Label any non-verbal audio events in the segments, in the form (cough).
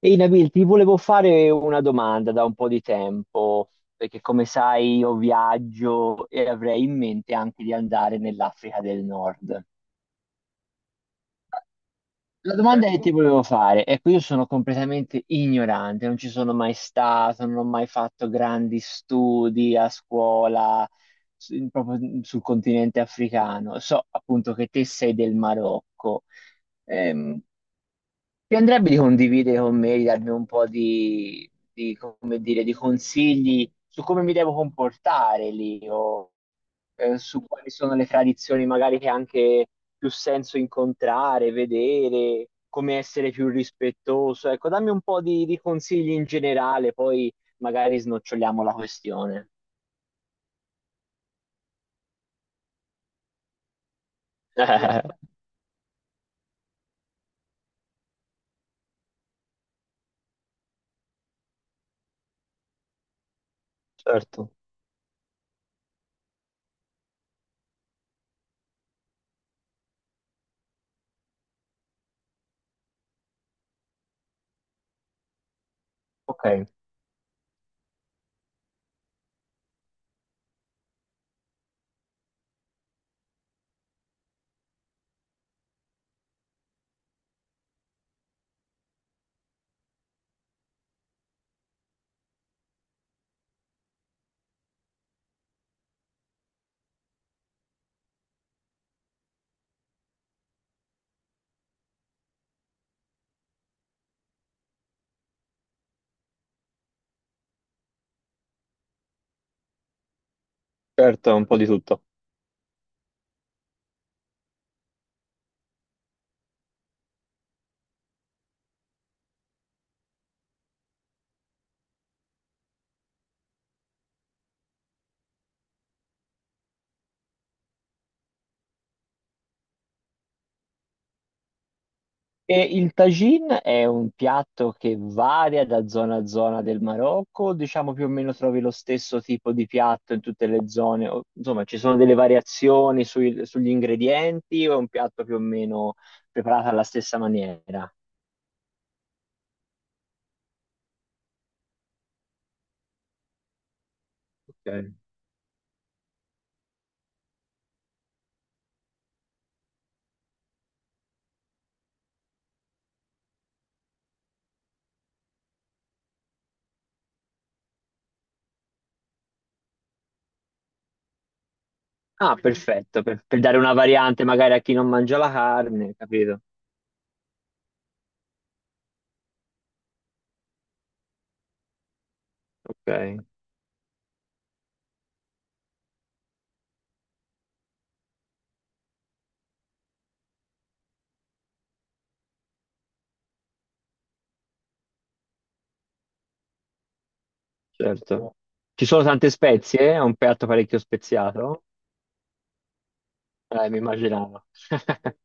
Ehi Nabil, ti volevo fare una domanda da un po' di tempo, perché come sai io viaggio e avrei in mente anche di andare nell'Africa del Nord. La domanda che ti volevo fare, ecco, io sono completamente ignorante, non ci sono mai stato, non ho mai fatto grandi studi a scuola, proprio sul continente africano. So appunto che te sei del Marocco. Ehm, Ti andrebbe di condividere con me, di darmi un po' come dire, di consigli su come mi devo comportare lì o su quali sono le tradizioni magari che ha anche più senso incontrare, vedere, come essere più rispettoso. Ecco, dammi un po' di consigli in generale, poi magari snoccioliamo la questione. (laughs) Certo. Ok, certo, un po' di tutto. E il tagine è un piatto che varia da zona a zona del Marocco? Diciamo più o meno trovi lo stesso tipo di piatto in tutte le zone, o insomma ci sono delle variazioni sugli ingredienti, o è un piatto più o meno preparato alla stessa maniera? Ok. Ah, perfetto, per dare una variante magari a chi non mangia la carne, capito? Ok, certo. Ci sono tante spezie? È un piatto parecchio speziato? Mi immaginavo. (laughs)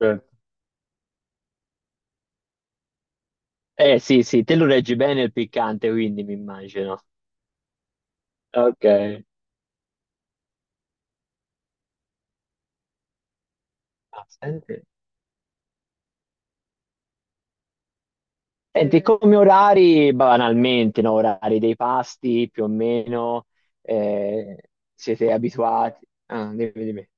Certo. Eh sì, sì, te lo reggi bene il piccante, quindi mi immagino. Ok. Ah, senti, senti, eh, come orari, banalmente, no? Orari dei pasti, più o meno, eh, siete abituati? Ah, dimmi, dimmi.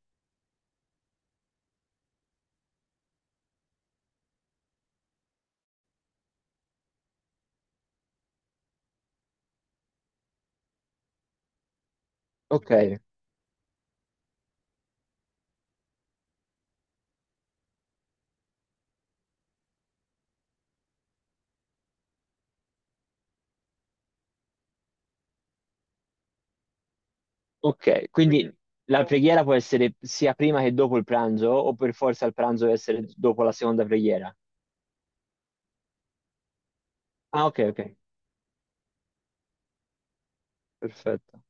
Ok, ok. Quindi, la preghiera può essere sia prima che dopo il pranzo, o per forza il pranzo deve essere dopo la seconda preghiera? Ah, ok, ok, perfetto.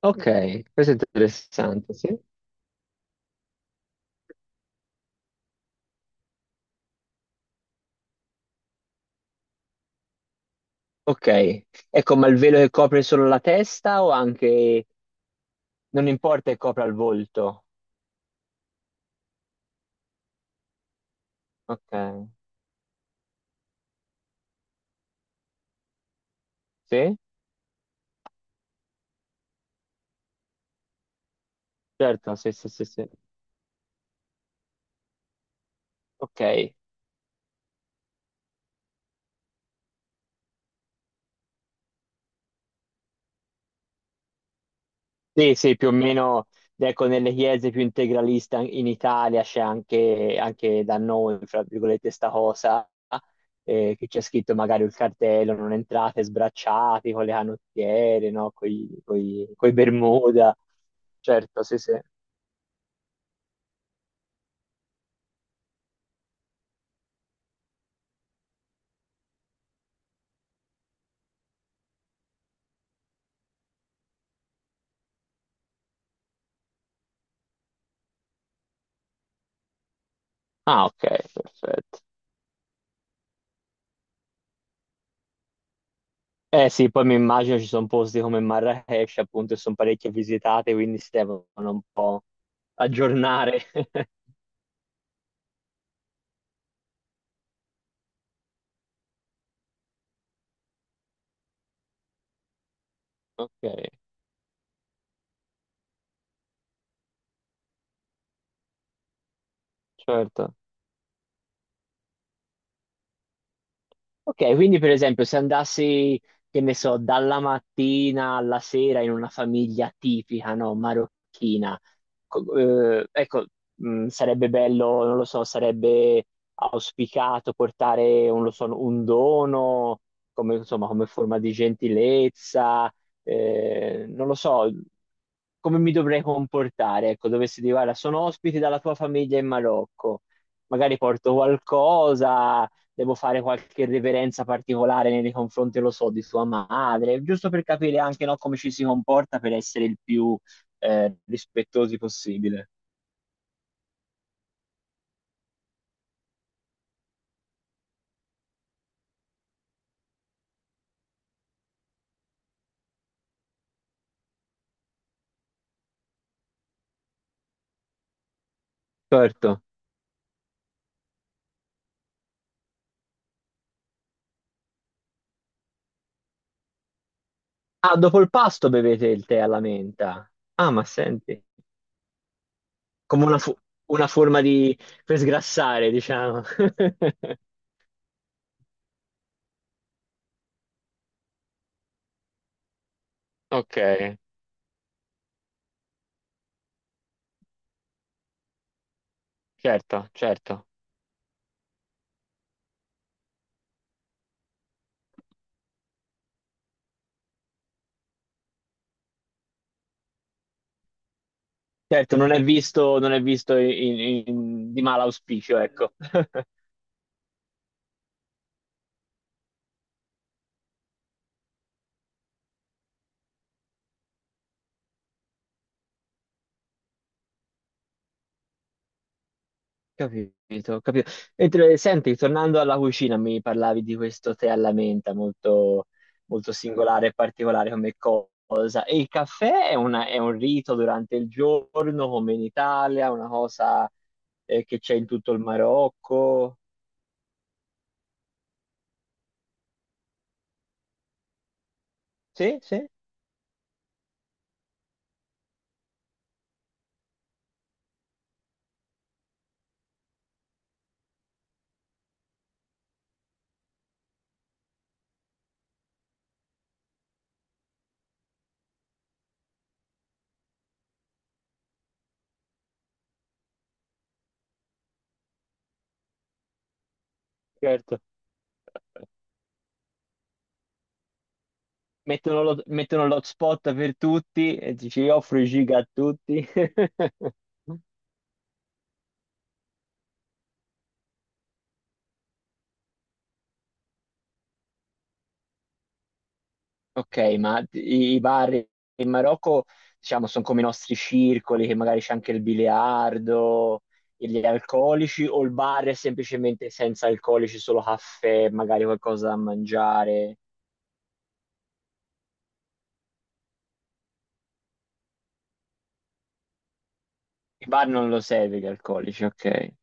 Ok, questo è interessante, sì. Ok, ecco, ma il velo che copre solo la testa o anche non importa che copra il volto? Ok. Sì? Certo, sì, sì, sì, sì. Ok. Sì, sì, più o meno, ecco, nelle chiese più integraliste in Italia c'è anche, anche da noi, fra virgolette, sta cosa, che c'è scritto magari il cartello, non entrate sbracciati con le canottiere, no? Coi, coi, coi Bermuda. Certo, sì, sì. Ah, ok, perfetto. Eh sì, poi mi immagino ci sono posti come Marrakesh, appunto, che sono parecchio visitate, quindi si devono un po' aggiornare. (laughs) Ok, certo. Ok, quindi per esempio se andassi, che ne so, dalla mattina alla sera in una famiglia tipica, no, marocchina, ecco, sarebbe bello, non lo so, sarebbe auspicato portare, non lo so, un dono, come, insomma, come forma di gentilezza, non lo so, come mi dovrei comportare, ecco, dovessi dire, guarda, sono ospiti dalla tua famiglia in Marocco, magari porto qualcosa, devo fare qualche reverenza particolare nei confronti, lo so, di sua madre, giusto per capire anche no, come ci si comporta per essere il più rispettosi possibile. Certo. Ah, dopo il pasto bevete il tè alla menta. Ah, ma senti, come una, una forma di... per sgrassare, diciamo. (laughs) Ok, certo, certo. Certo, non è visto, non è visto di mal auspicio, ecco. (laughs) Capito, capito. Mentre, senti, tornando alla cucina, mi parlavi di questo tè alla menta, molto, molto singolare e particolare come cosa. E il caffè è, è un rito durante il giorno, come in Italia, una cosa che c'è in tutto il Marocco. Sì, sì. Certo. Mettono l'hotspot per tutti e dici io offro i giga a tutti. (laughs) Ok, ma i bar in Marocco, diciamo, sono come i nostri circoli, che magari c'è anche il biliardo, gli alcolici, o il bar è semplicemente senza alcolici, solo caffè, magari qualcosa da mangiare? I bar non lo serve gli alcolici, ok.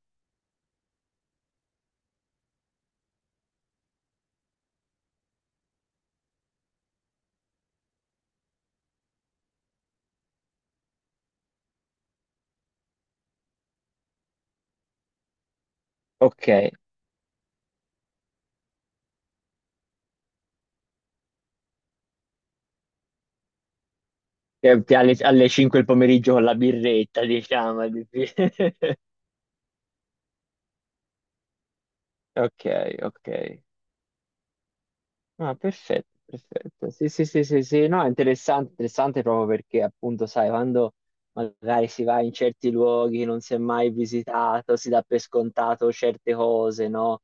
Ok. Alle, alle 5 del pomeriggio con la birretta, diciamo. (laughs) Ok, ok. Ah, perfetto, perfetto. Sì, sì, sì, sì, sì. No, è interessante, interessante proprio perché appunto, sai, quando magari si va in certi luoghi che non si è mai visitato, si dà per scontato certe cose, no?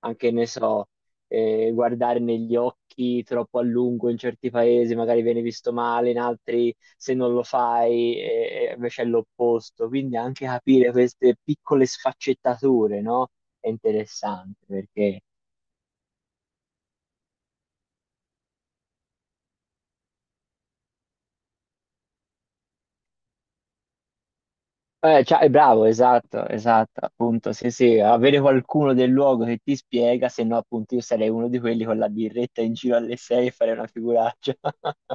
Anche, ne so, guardare negli occhi troppo a lungo in certi paesi, magari viene visto male, in altri se non lo fai, invece è l'opposto. Quindi anche capire queste piccole sfaccettature, no? È interessante perché... cioè, è bravo, esatto, esatto, appunto, sì, sì, avere qualcuno del luogo che ti spiega, se no appunto io sarei uno di quelli con la birretta in giro alle 6 e farei una figuraccia. (laughs)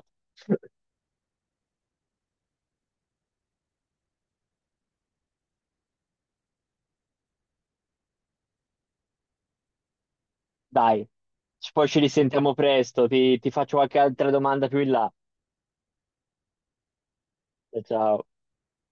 Dai, poi ci risentiamo presto, ti faccio qualche altra domanda più in là. Ciao.